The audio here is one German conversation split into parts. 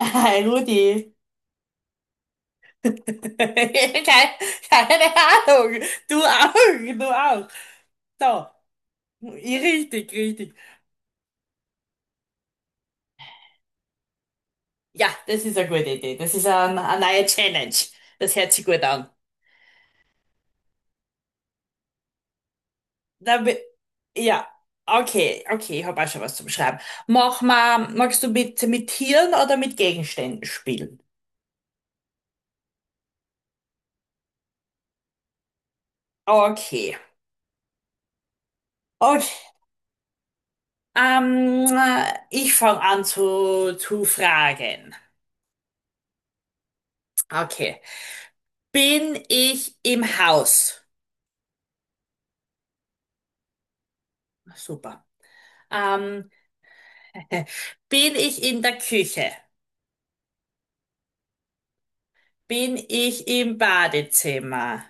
Hi Rudi. Keine, keine Ahnung. Du auch, du auch. So, richtig. Ja, das ist eine gute Idee. Das ist eine neue Challenge. Das hört sich gut an. Da, bi- ja, okay, ich habe auch schon was zum Schreiben. Mach mal, magst du mit Tieren oder mit Gegenständen spielen? Okay. Okay. Ähm, ich fange an zu fragen. Okay. Bin ich im Haus? Super. Ähm, bin ich in der Küche? Bin ich im Badezimmer?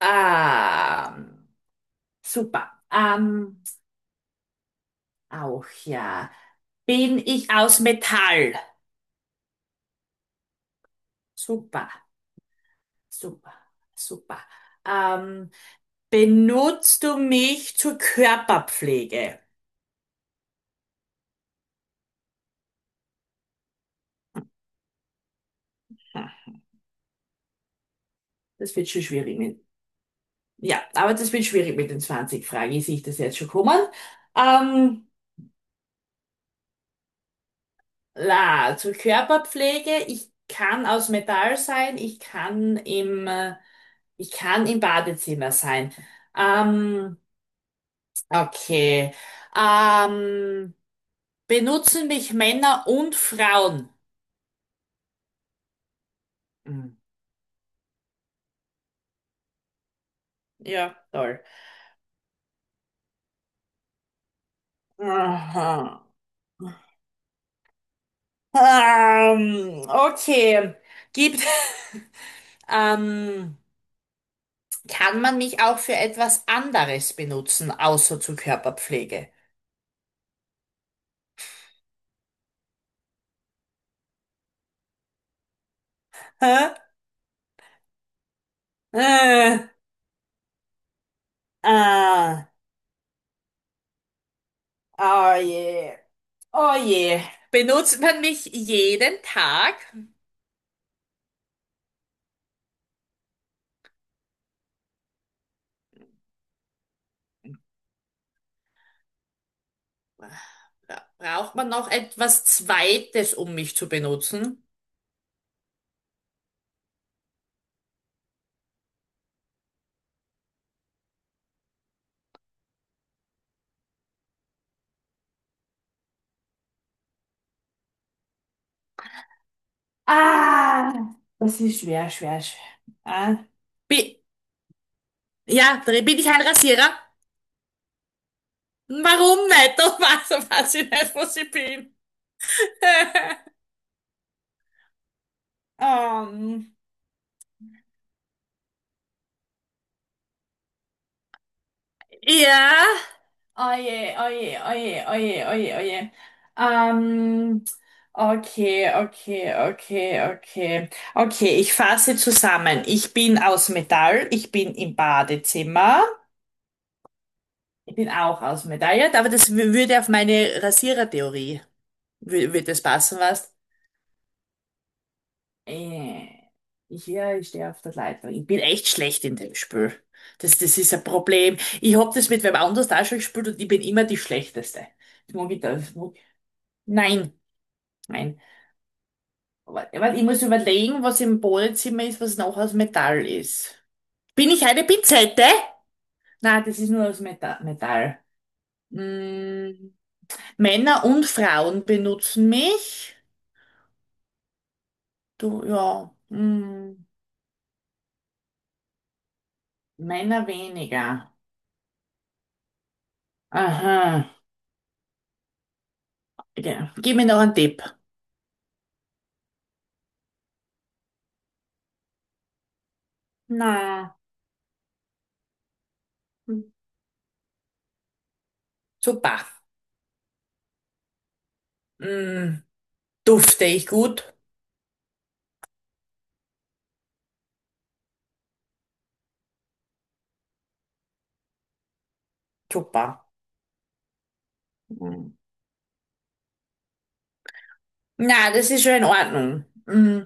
Ähm, super. Auch ja. Bin ich aus Metall? Super, super, super. Ähm, benutzt du mich zur Körperpflege? Hm, das wird schon schwierig mit. Ja, aber das wird schwierig mit den 20 Fragen. Ich sehe das jetzt schon kommen. Ähm, zur Körperpflege. Ich kann aus Metall sein, ich kann ich kann im Badezimmer sein. Ähm, okay. Ähm, benutzen mich Männer und Frauen? Hm, ja, toll. Aha. Okay. Gibt, ähm, kann man mich auch für etwas anderes benutzen, außer zur Körperpflege? Hä? Äh, ah. Oh je, oh je. Benutzt man mich jeden Tag? Bra- Braucht man noch etwas Zweites, um mich zu benutzen? Ah, das ist schwer, schwer. Ah, Bi ja, bin ich ein Rasierer? Warum nicht? Doch was ich nicht, was ich bin. ähm, ja. Oje. Ähm, okay. Okay, ich fasse zusammen. Ich bin aus Metall, ich bin im Badezimmer. Ich bin auch aus Metall, ja, aber würde auf meine Rasierertheorie, würde das passen, was? Äh, ja, ich stehe auf der Leitung. Ich bin echt schlecht in dem Spiel. Das ist ein Problem. Ich hab das mit wem anders da schon gespielt und ich bin immer die Schlechteste. Das mag ich. Nein. Nein. Ja, weil ich muss überlegen, was im Badezimmer ist, was noch aus Metall ist. Bin ich eine Pinzette? Nein, das ist nur aus Metall. Mm, Männer und Frauen benutzen mich. Du, ja. Mm, Männer weniger. Aha. Ja. Gib mir noch einen Tipp. Na, super. Mm, dufte ich gut? Super. Mm. Na, das ist schon in Ordnung. Mm,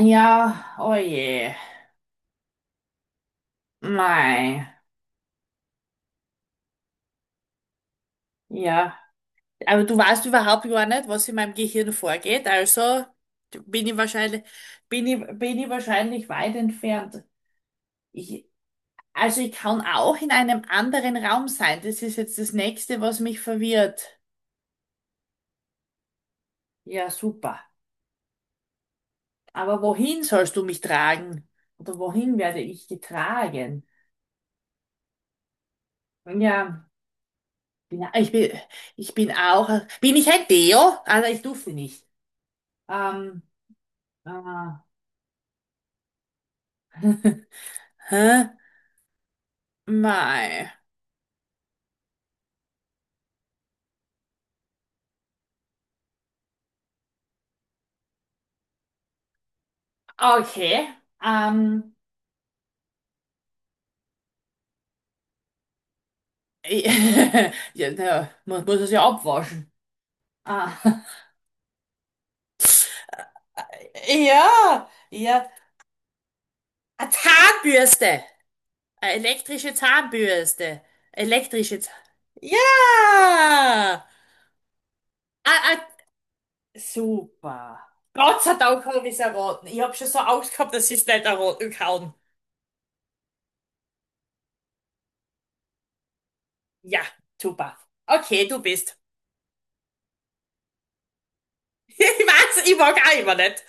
ja, oh je. Mei. Ja, aber du weißt überhaupt gar nicht, was in meinem Gehirn vorgeht, also bin ich wahrscheinlich, bin ich wahrscheinlich weit entfernt. Ich, also ich kann auch in einem anderen Raum sein. Das ist jetzt das Nächste, was mich verwirrt. Ja, super. Aber wohin sollst du mich tragen? Oder wohin werde ich getragen? Ja, bin, ich bin, ich bin auch, bin ich ein Deo? Also ich durfte nicht. Ähm, äh, hä? Mei. Okay. Ähm, ja, naja, man muss es ja abwaschen. Ah. Ja, ja. Eine Zahnbürste! Eine elektrische Zahnbürste. Elektrische Zahn... Ja! Ah, super. Gott sei Dank habe ich es erraten. Ich habe schon so Angst gehabt, dass ich es nicht erraten kann. Ja, super. Okay, du bist. Ich weiß, ich mag auch immer nicht.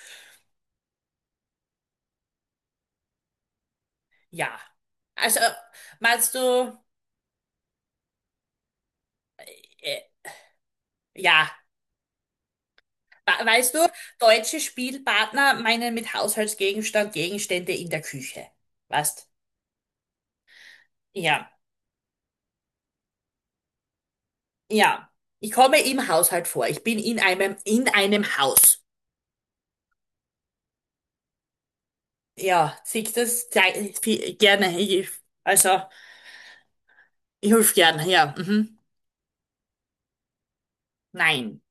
Ja. Also, meinst du... äh, ja. Weißt du, deutsche Spielpartner meinen mit Haushaltsgegenstand Gegenstände in der Küche. Weißt? Ja, ja. Ich komme im Haushalt vor. Ich bin in in einem Haus. Ja, sieht das gerne. Ich, also, ich helfe gerne, ja. Mhm. Nein.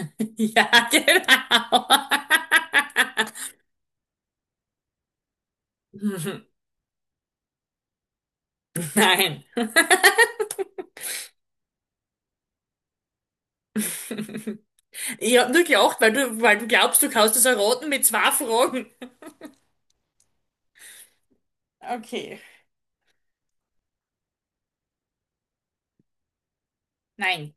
Ja, genau. Mhm. Nein. Ich habe nur gelacht, weil weil du glaubst, du kannst es erraten mit zwei Fragen. Okay. Nein.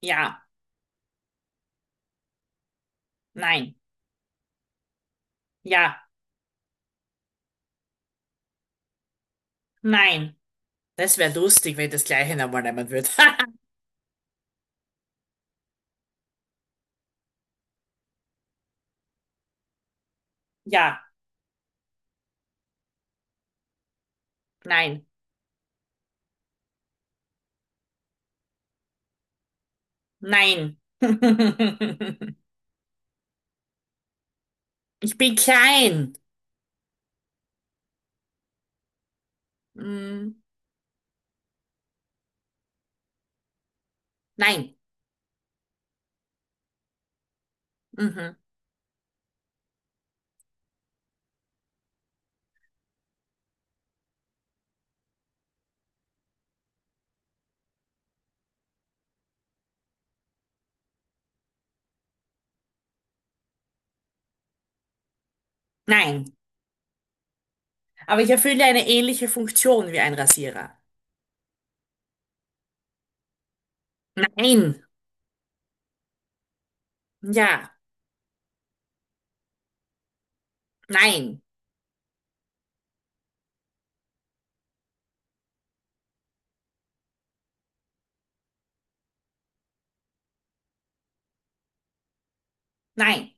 Ja. Nein. Ja. Nein. Das wäre lustig, wenn das gleiche nochmal nehmen würde. Ja. Nein. Nein. Ich bin klein. Mm, nein. Mhm. Nein. Aber ich erfülle eine ähnliche Funktion wie ein Rasierer. Nein. Ja. Nein. Nein.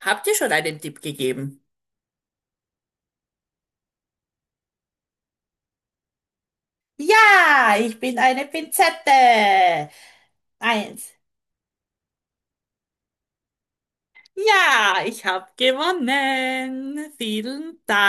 Habt ihr schon einen Tipp gegeben? Ja, ich bin eine Pinzette. Eins. Ja, ich habe gewonnen. Vielen Dank.